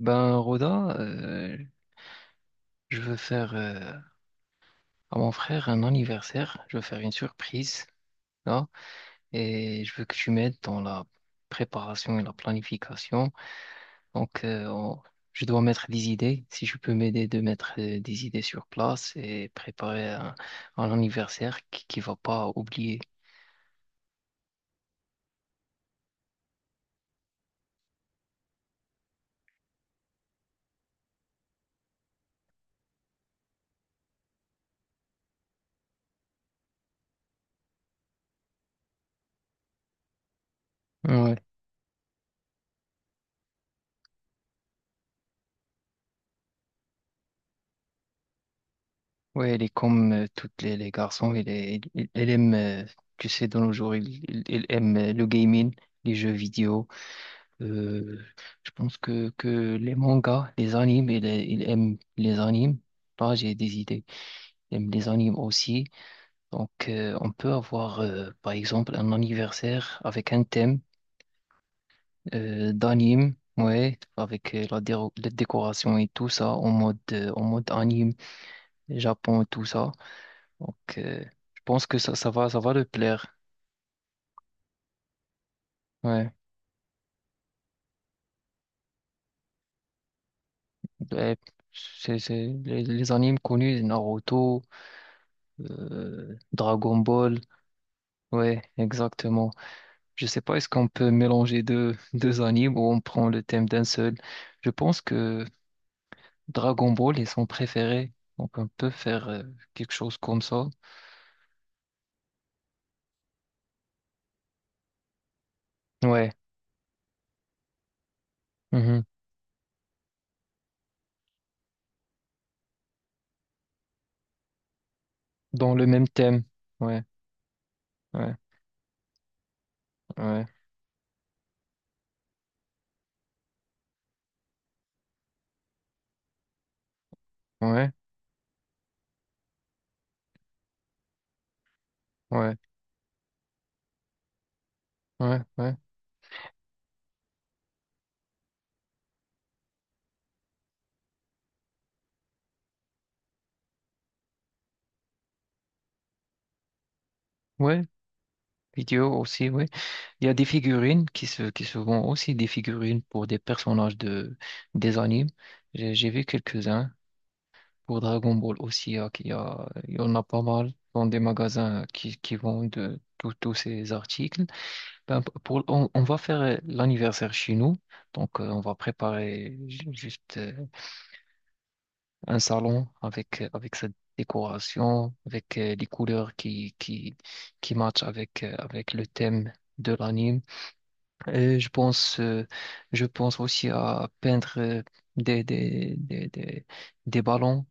Ben, Roda, je veux faire à mon frère un anniversaire. Je veux faire une surprise, là, et je veux que tu m'aides dans la préparation et la planification. Donc, euh, on- je dois mettre des idées. Si tu peux m'aider de mettre des idées sur place et préparer un anniversaire qui va pas oublier. Ouais, ouais, elle est comme toutes les garçons. Elle aime, tu sais, dans nos jours, il aime le gaming, les jeux vidéo. Euh, je pense que les mangas, les animes, il aime les animes. Là, j'ai des idées. Il aime les animes aussi. Donc, on peut avoir, par exemple, un anniversaire avec un thème d'anime, ouais, avec la décoration et tout ça, en mode anime, Japon et tout ça. Donc, je pense que ça va le plaire. Ouais. Ouais. C'est les animes connus, Naruto, Dragon Ball. Ouais, exactement. Je sais pas, est-ce qu'on peut mélanger deux animes ou on prend le thème d'un seul? Je pense que Dragon Ball est son préféré, donc on peut faire quelque chose comme ça. Ouais, mhm. Dans le même thème. Ouais, ouais, ouais, ouais, ouais, ouais, ouais, ouais. Vidéo aussi, ouais. Il y a des figurines qui se vendent aussi des figurines pour des personnages des animes. J'ai vu quelques-uns. Pour Dragon Ball aussi, qu'il y a, il y en a pas mal dans des magasins qui vendent de tous ces articles. Ben, pour, on va faire l'anniversaire chez nous, donc on va préparer juste un salon avec, avec cette décoration, avec les couleurs qui matchent avec, avec le thème de l'anime. Et je pense aussi à peindre des ballons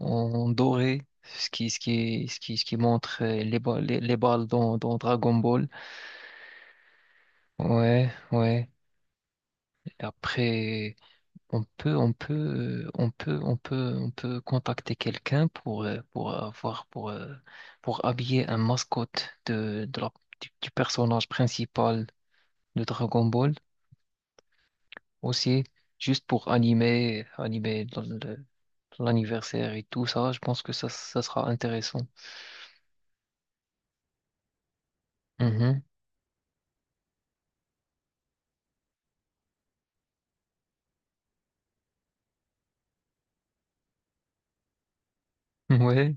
en doré, ce qui, ce qui, ce qui, ce qui montre les balles, les balles dans Dragon Ball. Ouais, ouais. Après, on peut, on peut, on peut, on peut, on peut contacter quelqu'un pour avoir, pour habiller un mascotte de la, du personnage principal de Dragon Ball aussi, juste pour animer, l'anniversaire et tout ça. Je pense que ça sera intéressant. Mhm. Ouais,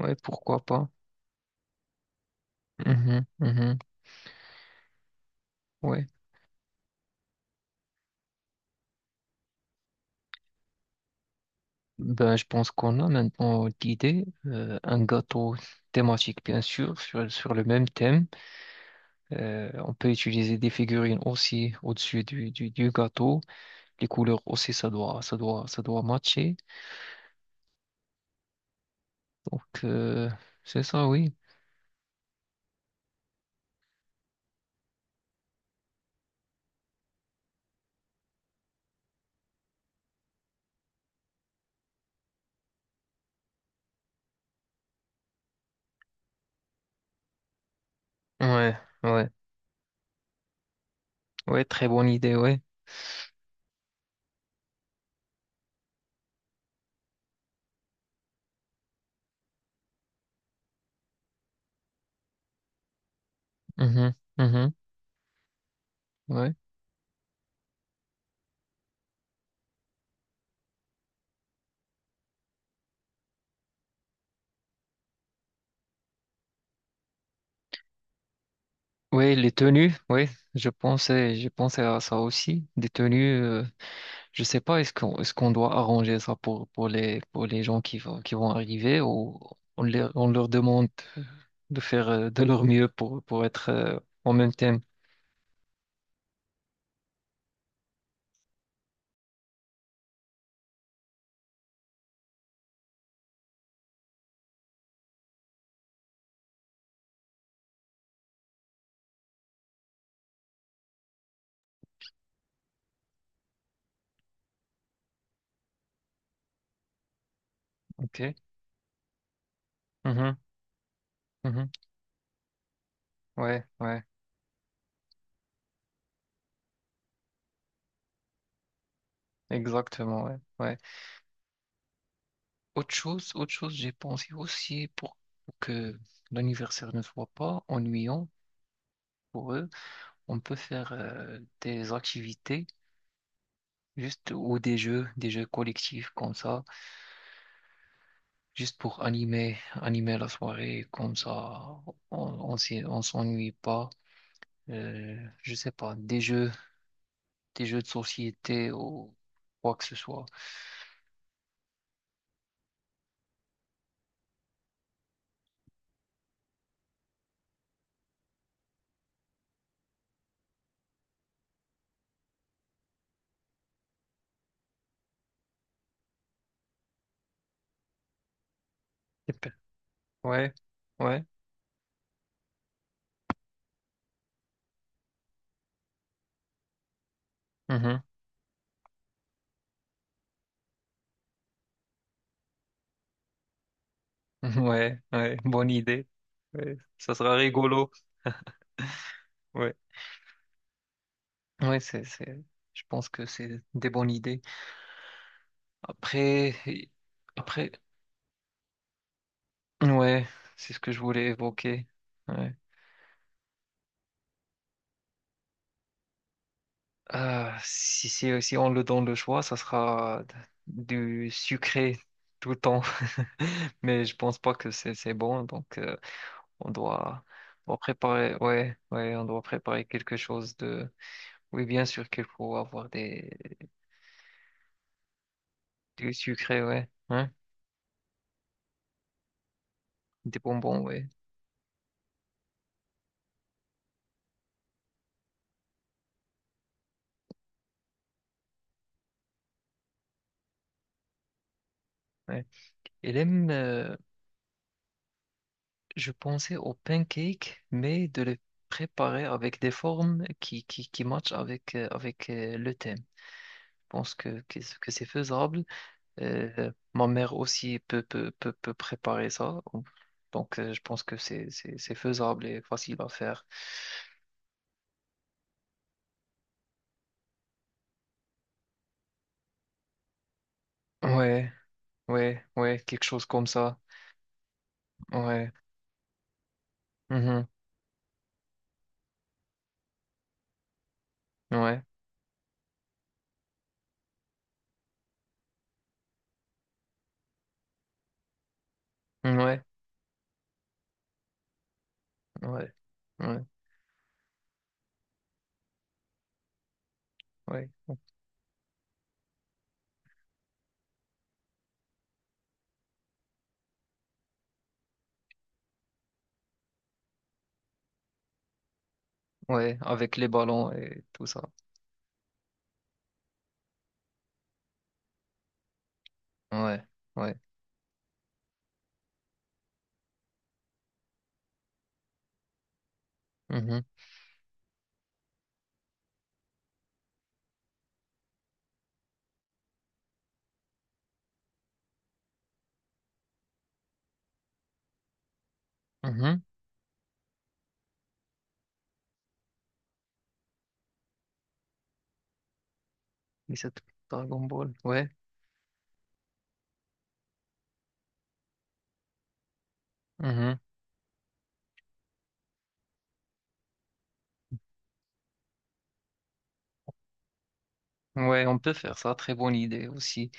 ouais, pourquoi pas. Mhm, mhm, ouais. Ben, je pense qu'on a maintenant d'idées. Un gâteau thématique, bien sûr, sur, sur le même thème. On peut utiliser des figurines aussi au-dessus du gâteau. Les couleurs aussi, ça doit, ça doit, ça doit matcher. Donc, c'est ça, oui. Ouais, ouais, ouais, très bonne idée, ouais. Mhm, mhm, ouais. Ouais, les tenues, ouais, je pensais à ça aussi. Des tenues. Je sais pas, est-ce qu'on doit arranger ça pour pour les gens qui vont arriver ou on, les on leur demande de faire de leur mieux pour être en même thème. Ok. Mhm, mhm. Ouais, ouais, exactement. Ouais, ouais. Autre chose, j'ai pensé aussi pour que l'anniversaire ne soit pas ennuyant pour eux, on peut faire des activités juste ou des jeux collectifs comme ça juste pour animer, animer la soirée, comme ça, on, on s'ennuie pas. Euh, je sais pas, des jeux de société ou quoi que ce soit. Et pe- Ouais, ouais, mhm. Ouais, ouais, bonne idée. Ouais, ça sera rigolo. Ouais, ouais, c'est, je pense que c'est des bonnes idées. Après, après, ouais, c'est ce que je voulais évoquer. Ouais. Si on le donne le choix, ça sera du sucré tout le temps. Mais je pense pas que c'est bon, donc on doit, on doit préparer, ouais, ouais, on doit préparer quelque chose de. Oui, bien sûr qu'il faut avoir des du sucré, ouais, hein, des bonbons, ouais, ouais. Et même, je pensais aux pancakes, mais de les préparer avec des formes qui matchent avec avec le thème. Je pense que c'est faisable. Ma mère aussi peut, peut préparer ça. Donc, je pense que c'est faisable et facile à faire. Ouais, ouais, ouais, quelque chose comme ça. Ouais, mhm, ouais, ouais, ouais, ouais, ouais, ouais, avec les ballons et tout ça. Ouais, ouais, mhm, mhm. Et cette Dragon Ball, ouais, mhm. Ouais, on peut faire ça. Très bonne idée aussi.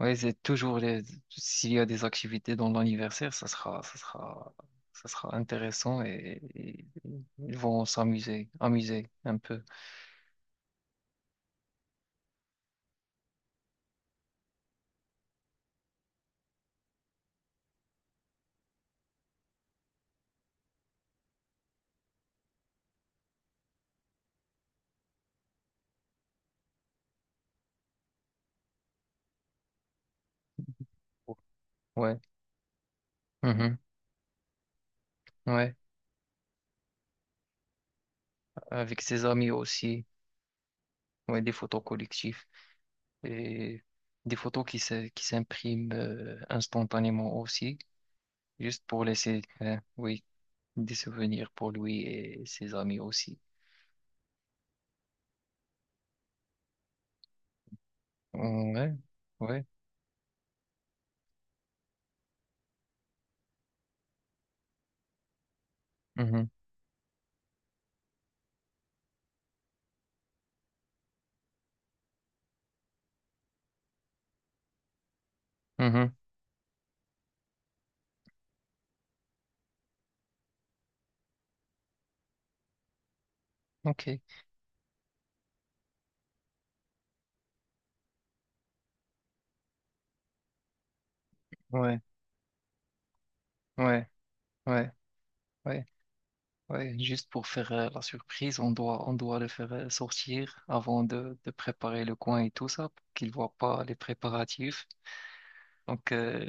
Oui, c'est toujours les... s'il y a des activités dans l'anniversaire, ça sera, ça sera, ça sera intéressant et ils vont s'amuser, amuser un peu. Ouais, mhm, ouais, avec ses amis aussi, ouais, des photos collectives et des photos qui s'impriment instantanément aussi, juste pour laisser, oui, des souvenirs pour lui et ses amis aussi. Ouais, ouais, mhm, mhm, ok, ouais, ouais, ouais. Ouais. Ouais, juste pour faire la surprise, on doit le faire sortir avant de préparer le coin et tout ça, pour qu'il voit pas les préparatifs. Donc,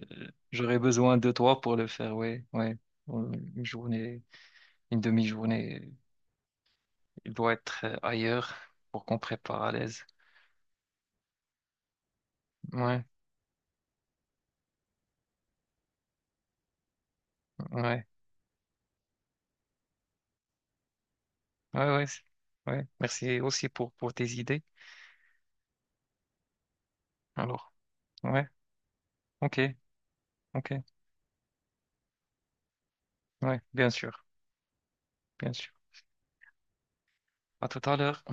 j'aurais besoin de toi pour le faire, ouais, ouais. Une journée, une demi-journée, il doit être ailleurs pour qu'on prépare à l'aise. Ouais, ouais, ouais, ouais, c'est- ouais. Merci aussi pour tes idées. Alors, ouais, ok, ok, ouais, bien sûr, bien sûr. À tout à l'heure.